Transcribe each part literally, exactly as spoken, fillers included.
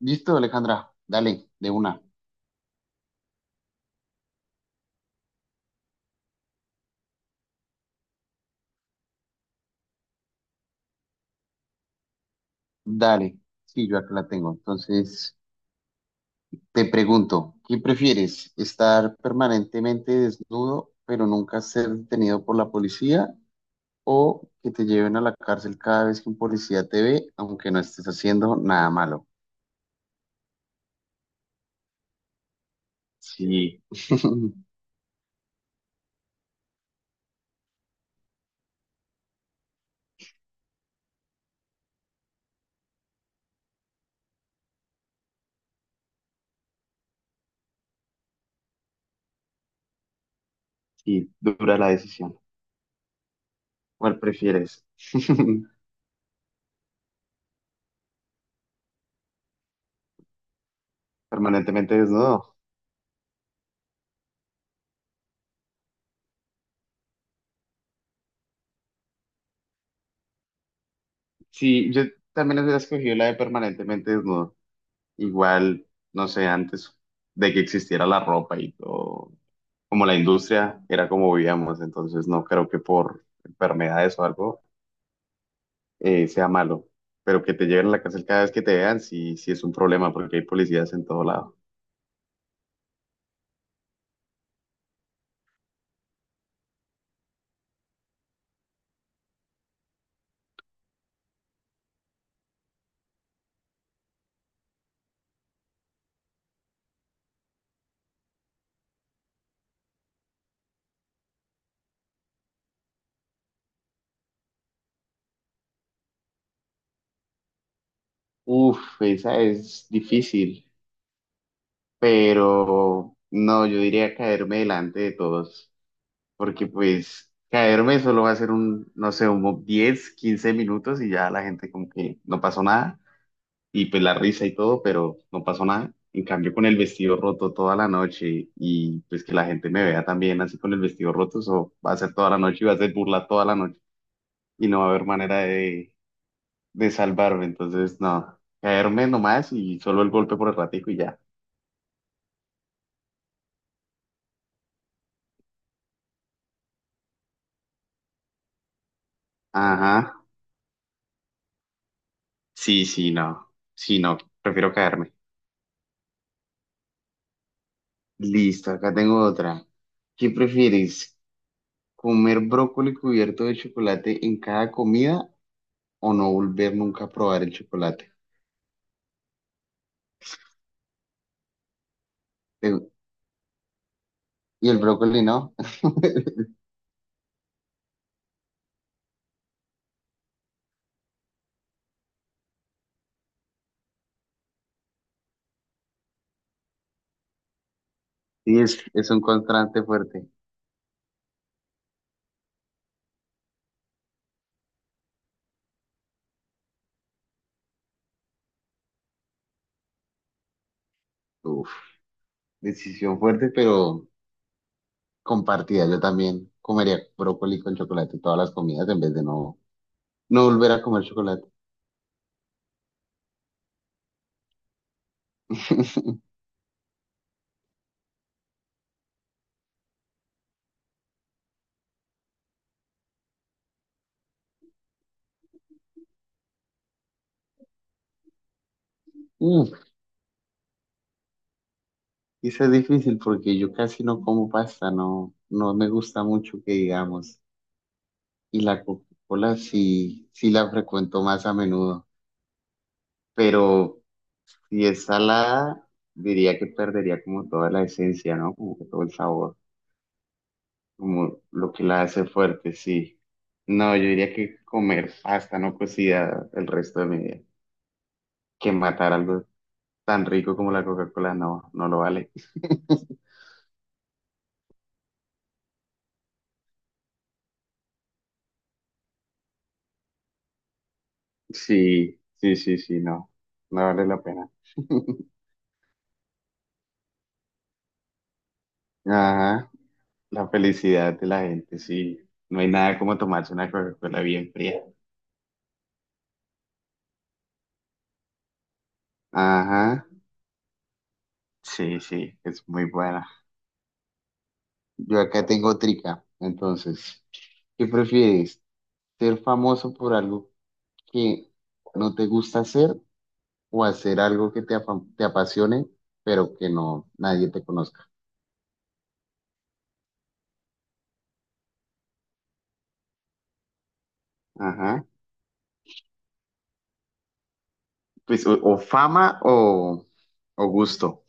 Listo, Alejandra, dale, de una, dale. Sí, yo acá la tengo. Entonces, te pregunto, ¿qué prefieres? ¿Estar permanentemente desnudo, pero nunca ser detenido por la policía? ¿O que te lleven a la cárcel cada vez que un policía te ve, aunque no estés haciendo nada malo? Sí, sí, dura la decisión. ¿Cuál prefieres? ¿Permanentemente desnudo? Sí, yo también hubiera escogido la de permanentemente desnudo. Igual, no sé, antes de que existiera la ropa y todo, como la industria era como vivíamos, entonces no creo que por enfermedades o algo eh, sea malo, pero que te lleven a la cárcel cada vez que te vean, sí, sí es un problema porque hay policías en todo lado. Uf, esa es difícil, pero no, yo diría caerme delante de todos, porque pues caerme solo va a ser un, no sé, un diez, quince minutos y ya la gente como que no pasó nada y pues la risa y todo, pero no pasó nada. En cambio, con el vestido roto toda la noche y pues que la gente me vea también así con el vestido roto, eso va a ser toda la noche y va a ser burla toda la noche y no va a haber manera de, de salvarme. Entonces, no, caerme nomás y solo el golpe por el ratico y ya. Ajá, sí, sí, no, sí, no, prefiero caerme. Listo, acá tengo otra. ¿Qué prefieres? ¿Comer brócoli cubierto de chocolate en cada comida o no volver nunca a probar el chocolate? Eh, Y el brócoli, ¿no? Sí, es, es un contraste fuerte. Uf, decisión fuerte, pero compartida. Yo también comería brócoli con chocolate todas las comidas en vez de no, no volver a comer chocolate. Uf, eso es difícil porque yo casi no como pasta, no, no me gusta mucho que digamos. Y la Coca-Cola sí, sí la frecuento más a menudo, pero si es salada, diría que perdería como toda la esencia, ¿no? Como que todo el sabor, como lo que la hace fuerte, sí. No, yo diría que comer pasta no cocida el resto de mi vida, que matar algo tan rico como la Coca-Cola, no, no lo vale. Sí, sí, sí, sí, no, no vale la pena. Ajá, la felicidad de la gente, sí. No hay nada como tomarse una Coca-Cola bien fría. Ajá, sí, sí, es muy buena. Yo acá tengo trica, entonces, ¿qué prefieres? ¿Ser famoso por algo que no te gusta hacer o hacer algo que te, apa- te apasione, pero que no nadie te conozca? Ajá. Pues o, o fama o, o gusto.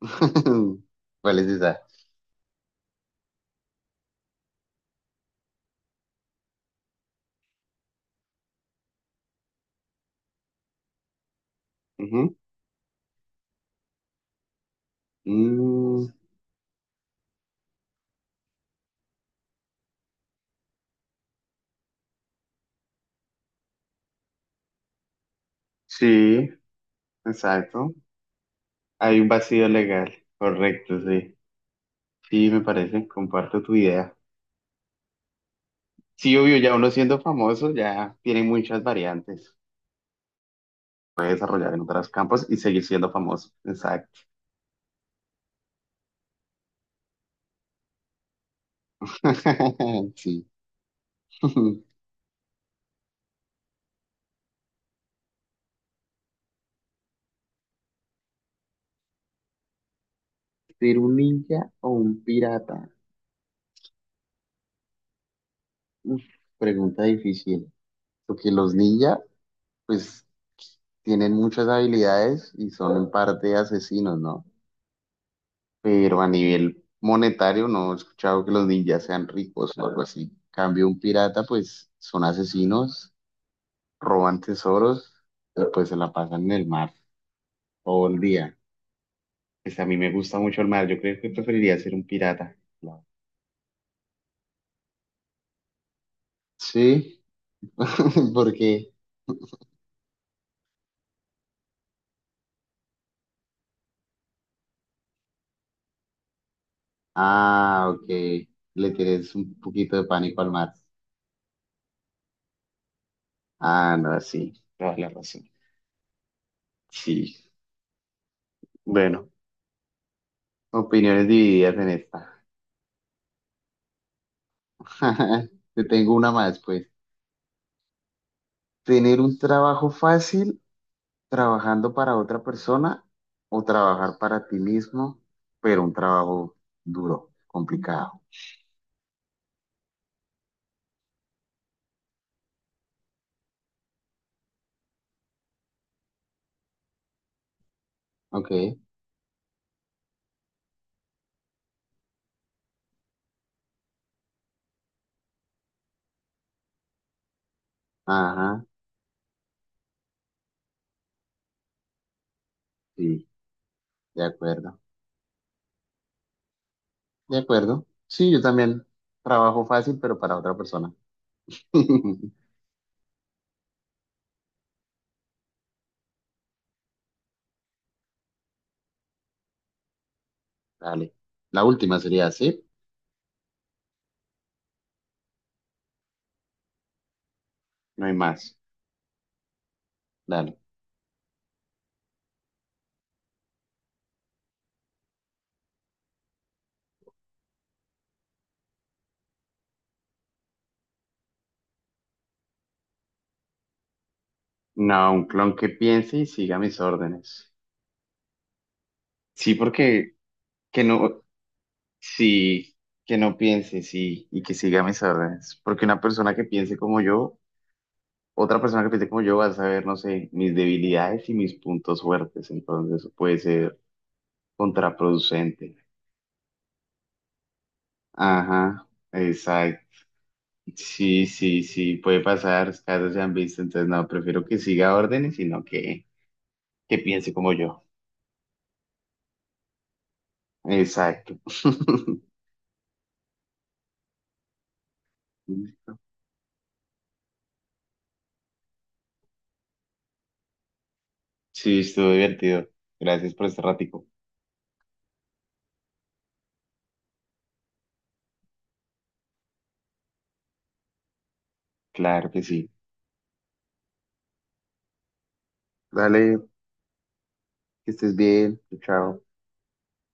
¿Cuál es esa? Ujú. Mm, sí, exacto. Hay un vacío legal, correcto, sí. Sí, me parece, comparto tu idea. Sí, obvio, ya uno siendo famoso ya tiene muchas variantes. Puede desarrollar en otros campos y seguir siendo famoso. Exacto. Sí. ¿Ser un ninja o un pirata? Uf, pregunta difícil, porque los ninjas, pues, tienen muchas habilidades y son en parte asesinos, ¿no? Pero a nivel monetario no he escuchado que los ninjas sean ricos o algo así. En cambio, un pirata, pues, son asesinos, roban tesoros y pues se la pasan en el mar todo el día. Pues a mí me gusta mucho el mar, yo creo que preferiría ser un pirata. Sí, porque, ah, ok, le tienes un poquito de pánico al mar. Ah, no, sí, toda la razón, sí. Bueno, opiniones divididas en esta. Te tengo una más, pues. ¿Tener un trabajo fácil trabajando para otra persona o trabajar para ti mismo, pero un trabajo duro, complicado? Ok, ajá, sí, de acuerdo, de acuerdo. Sí, yo también trabajo fácil, pero para otra persona. Dale, la última sería, ¿sí? No hay más. Dale. No, un clon que piense y siga mis órdenes. Sí, porque que no, sí, que no piense, sí, y que siga mis órdenes. Porque una persona que piense como yo, otra persona que piense como yo va a saber, no sé, mis debilidades y mis puntos fuertes. Entonces eso puede ser contraproducente. Ajá, exacto. Sí, sí, sí, puede pasar, casos se han visto. Entonces no, prefiero que siga órdenes, sino que, que piense como yo. Exacto. Sí, estuvo divertido. Gracias por este ratico. Claro que sí. Dale, que estés bien. Chao.